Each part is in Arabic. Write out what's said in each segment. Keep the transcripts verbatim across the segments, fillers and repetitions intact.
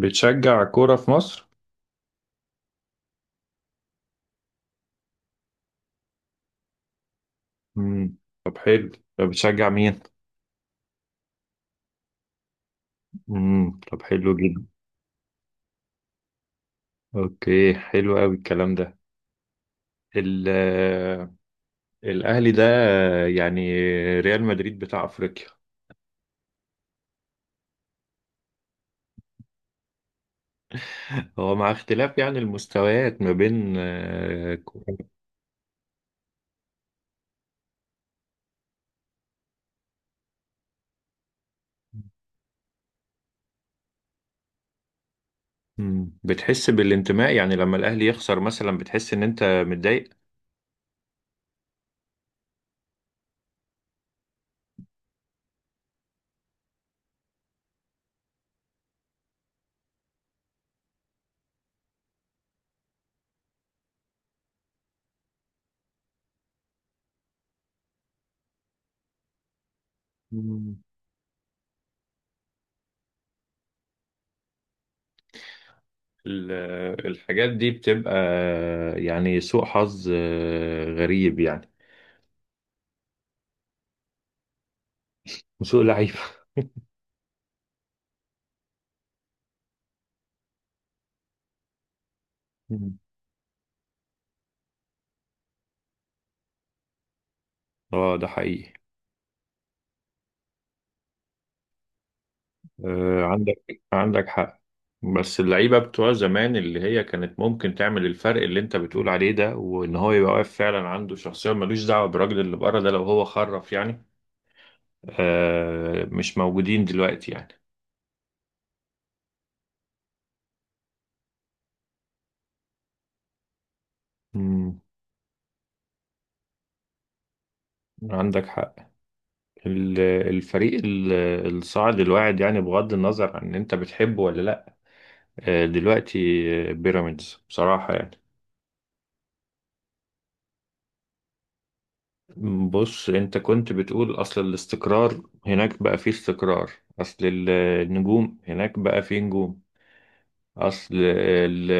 بتشجع كورة في مصر؟ مم. طب حلو. طب بتشجع مين؟ مم. طب حلو جدا. اوكي، حلو قوي الكلام ده. ال الأهلي ده يعني ريال مدريد بتاع أفريقيا. هو مع اختلاف يعني المستويات ما بين آه، كو- مم. بتحس بالانتماء يعني لما الأهلي يخسر مثلا، بتحس إن أنت متضايق؟ مم. ال- الحاجات دي بتبقى يعني سوء حظ آه، غريب يعني، وسوء لعيبة. اه، ده حقيقي. آه، عندك عندك حق. بس اللعيبة بتوع زمان اللي هي كانت ممكن تعمل الفرق اللي انت بتقول عليه ده، وان هو يبقى واقف فعلا عنده شخصية ملوش دعوة بالراجل اللي بره ده لو هو خرف يعني. آه، مش موجودين دلوقتي يعني. مم. عندك حق. ال- الفريق ال- الصاعد الواعد، يعني بغض النظر عن ان انت بتحبه ولا لا. آه دلوقتي آه، بيراميدز بصراحة يعني. بص، انت كنت بتقول اصل الاستقرار، هناك بقى فيه استقرار، اصل ال- النجوم، هناك بقى فيه نجوم، اصل ال...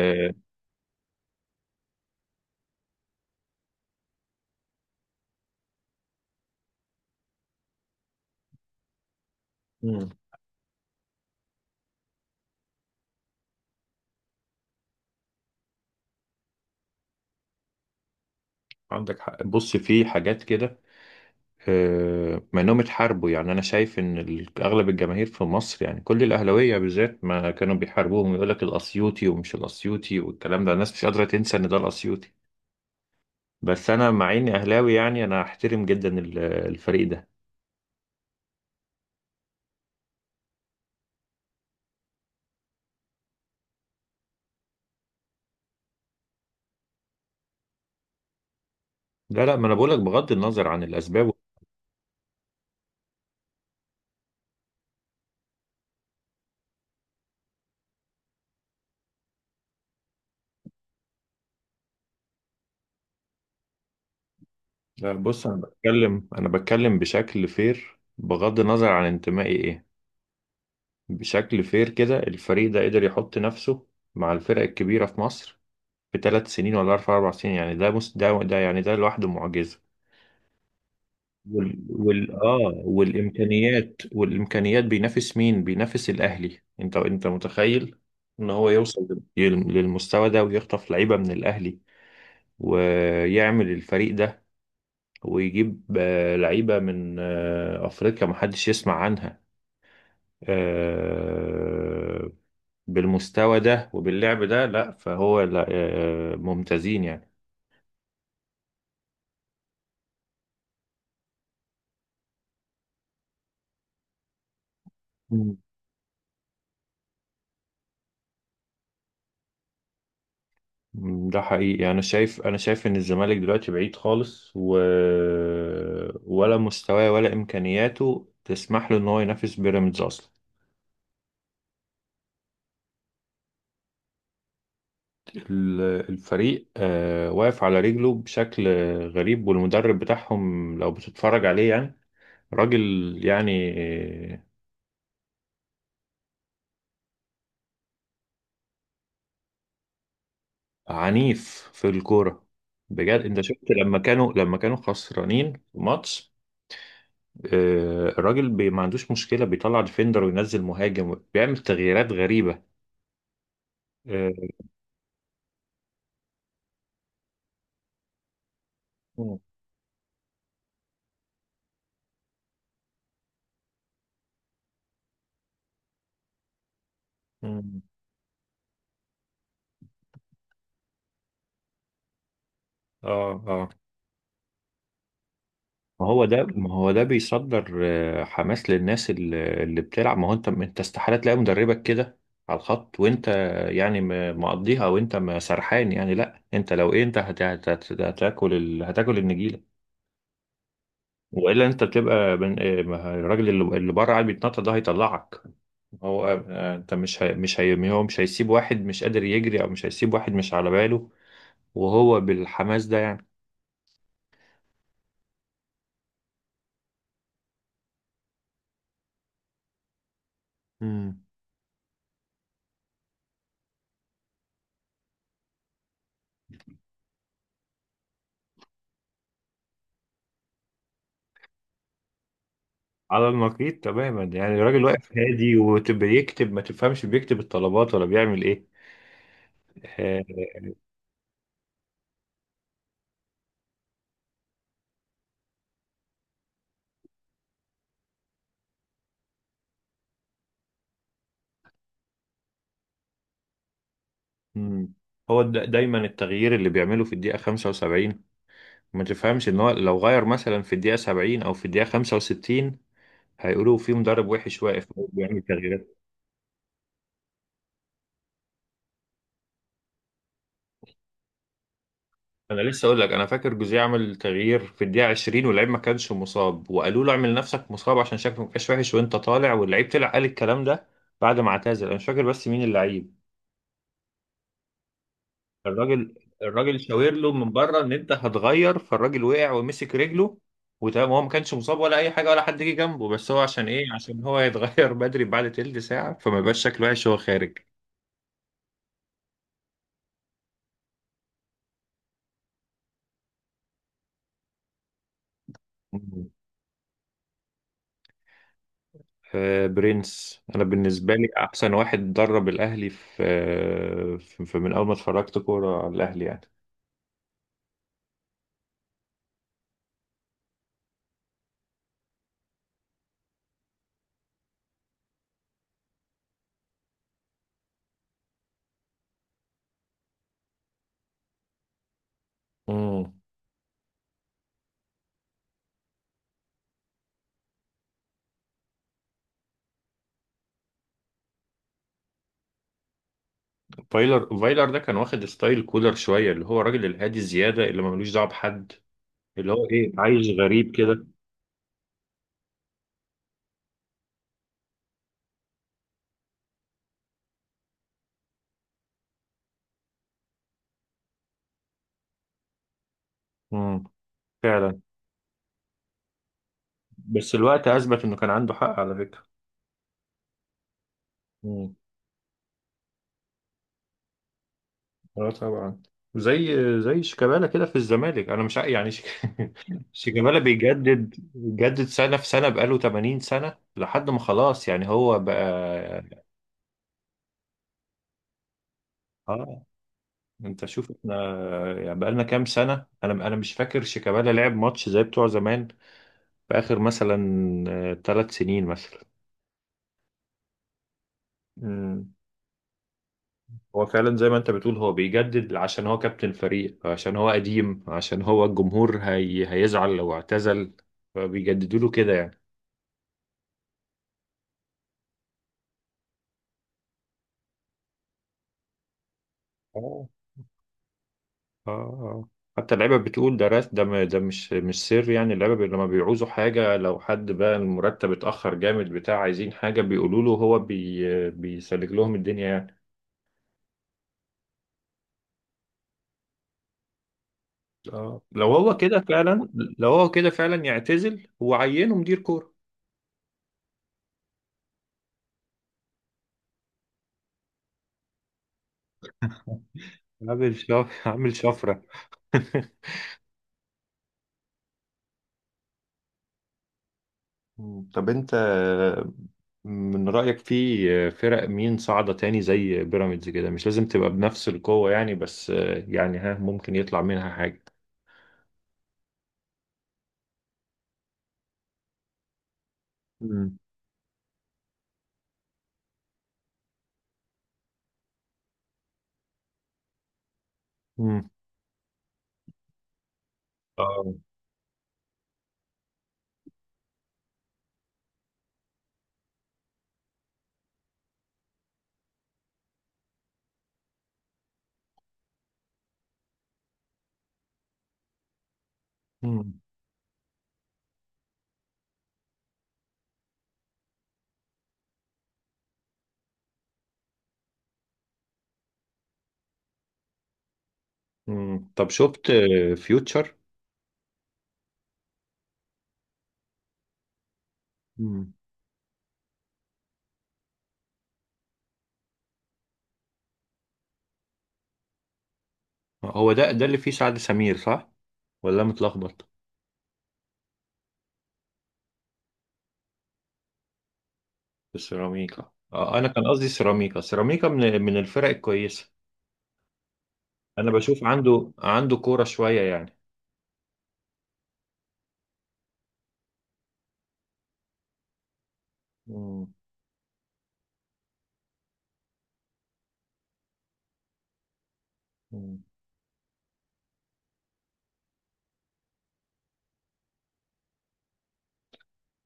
مم. عندك حق. بص في حاجات كده آه، ما انهم اتحاربوا يعني، انا شايف ان ال- اغلب الجماهير في مصر يعني كل الاهلاويه بالذات ما كانوا بيحاربوهم. يقول لك الاسيوطي ومش الاسيوطي والكلام ده، الناس مش قادره تنسى ان ده الاسيوطي. بس انا مع اني اهلاوي يعني، انا احترم جدا ال- الفريق ده. لا لا، ما انا بقول لك بغض النظر عن الاسباب. لا بص، انا بتكلم انا بتكلم بشكل فير بغض النظر عن انتمائي ايه. بشكل فير كده، الفريق ده قدر يحط نفسه مع الفرق الكبيره في مصر في تلات سنين، ولا اربع اربع سنين يعني. ده مس... ده ده يعني ده لوحده معجزه. وال... وال... اه والامكانيات والامكانيات. بينافس مين؟ بينافس الاهلي؟ انت انت متخيل ان هو يوصل لل- للمستوى ده، ويخطف لعيبه من الاهلي، ويعمل الفريق ده، ويجيب آه، لعيبة من آه، أفريقيا محدش يسمع عنها آه، بالمستوى ده وباللعب ده. لا، فهو، لا، آه، آه، ممتازين يعني. مم. ده حقيقي. أنا شايف أنا شايف إن الزمالك دلوقتي بعيد خالص و... ولا مستواه ولا إمكانياته تسمح له إن هو ينافس بيراميدز أصلا. ال- الفريق آه، واقف على رجله بشكل غريب، والمدرب بتاعهم لو بتتفرج عليه يعني، راجل يعني، عنيف في الكورة. بجد، انت شفت لما كانوا لما كانوا خسرانين في ماتش آه، الراجل بي ما عندوش مشكلة، بيطلع ديفندر وينزل مهاجم، بيعمل تغييرات غريبة. اه. مم. اه. آه. ما هو ده، ما هو ده بيصدر آه، حماس للناس اللي اللي بتلعب. ما هو انت، انت استحالة تلاقي مدربك كده على الخط، وانت يعني م- مقضيها وانت ما سرحان. يعني لا، انت لو ايه، انت هت- هت- هت- هتاكل ال... هتاكل النجيلة، والا انت بتبقى بن... آه، ما الراجل اللي اللي بره قاعد بيتنطط ده هيطلعك. هو آه، انت مش هي... مش هي... هو مش هيسيب واحد مش قادر يجري، او مش هيسيب واحد مش على باله وهو بالحماس ده يعني. امم على النقيض تماما يعني، الراجل واقف هادي وبيكتب، ما تفهمش بيكتب الطلبات ولا بيعمل ايه. آه، مم. هو دا- دايما التغيير اللي بيعمله في الدقيقة خمسة وسبعين، ما تفهمش ان هو لو غير مثلا في الدقيقة سبعين او في الدقيقة خمسة وستين، هيقولوا في مدرب وحش واقف هو بيعمل تغييرات. انا لسه اقول لك، انا فاكر جوزيه عمل تغيير في الدقيقه عشرين واللعيب ما كانش مصاب، وقالوا له اعمل نفسك مصاب عشان شكلك ما بقاش وحش وانت طالع، واللعيب طلع قال الكلام ده بعد ما اعتزل، انا مش فاكر بس مين اللعيب. الراجل، الراجل شاور له من بره ان انت هتغير، فالراجل وقع ومسك رجله. وتمام، هو ما كانش مصاب ولا اي حاجه، ولا حد جه جنبه، بس هو عشان ايه؟ عشان هو يتغير بدري بعد تلت ساعه، فما يبقاش شكله وحش وهو خارج. آه، برنس. انا بالنسبه لي احسن واحد درب الاهلي في آه، في في- من اول ما اتفرجت كوره على الاهلي يعني. امم. فايلر، فايلر ده كان واخد ستايل كولر شويه، اللي هو الراجل الهادي زياده اللي ما ملوش دعوه بحد، اللي هو ايه، عايش غريب كده. امم، فعلا. بس الوقت اثبت انه كان عنده حق على فكره. مم. اه، طبعا. زي زي شيكابالا كده في الزمالك، انا مش ع- يعني شيك- شيكابالا بيجدد بيجدد سنه في سنه، بقاله ثمانين سنه لحد ما خلاص يعني هو بقى. اه. انت شوف احنا يعني، بقالنا كام سنه؟ انا انا مش فاكر شيكابالا لعب ماتش زي بتوع زمان في اخر مثلا تلات سنين مثلا. مم. هو فعلا زي ما انت بتقول، هو بيجدد عشان هو كابتن فريق، عشان هو قديم، عشان هو الجمهور هي... هيزعل لو اعتزل، فبيجددوا له كده يعني. اه، اه، اه. حتى اللعيبه بتقول ده راس، ده م- ده مش مش سر يعني. اللعيبه بي- لما بيعوزوا حاجه، لو حد بقى المرتب اتاخر جامد بتاع، عايزين حاجه بيقولوا له، هو بي بيسلك لهم الدنيا يعني. اه، لو هو كده فعلا لو هو كده فعلا يعتزل وعينه مدير كوره. عامل شف... عامل شفره. طب انت، من رأيك في فرق مين صاعدة تاني زي بيراميدز كده، مش لازم تبقى بنفس القوة يعني، بس يعني ها، ممكن يطلع منها حاجة. مم. مم. اه. مم. مم. طب شفت فيوتشر؟ هو ده، ده اللي فيه سعد سمير صح، ولا متلخبط؟ في السيراميكا، آه، انا كان قصدي سيراميكا، سيراميكا من من الفرق الكويسه. انا بشوف عنده عنده كوره شويه يعني. مم. مم.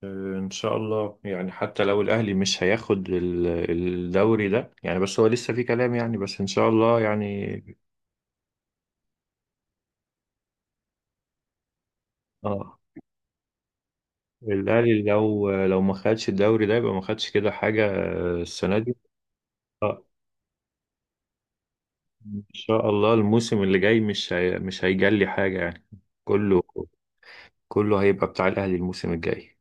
آه، ان شاء الله يعني، حتى لو الاهلي مش هياخد ال- الدوري ده يعني، بس هو لسه في كلام يعني، بس ان شاء الله يعني. اه. الاهلي لو لو ما خدش الدوري ده يبقى ما خدش كده حاجه السنه دي. آه، ان شاء الله الموسم اللي جاي مش هي... مش هيجلي حاجة يعني. كله، كله هيبقى بتاع الاهلي الموسم الجاي.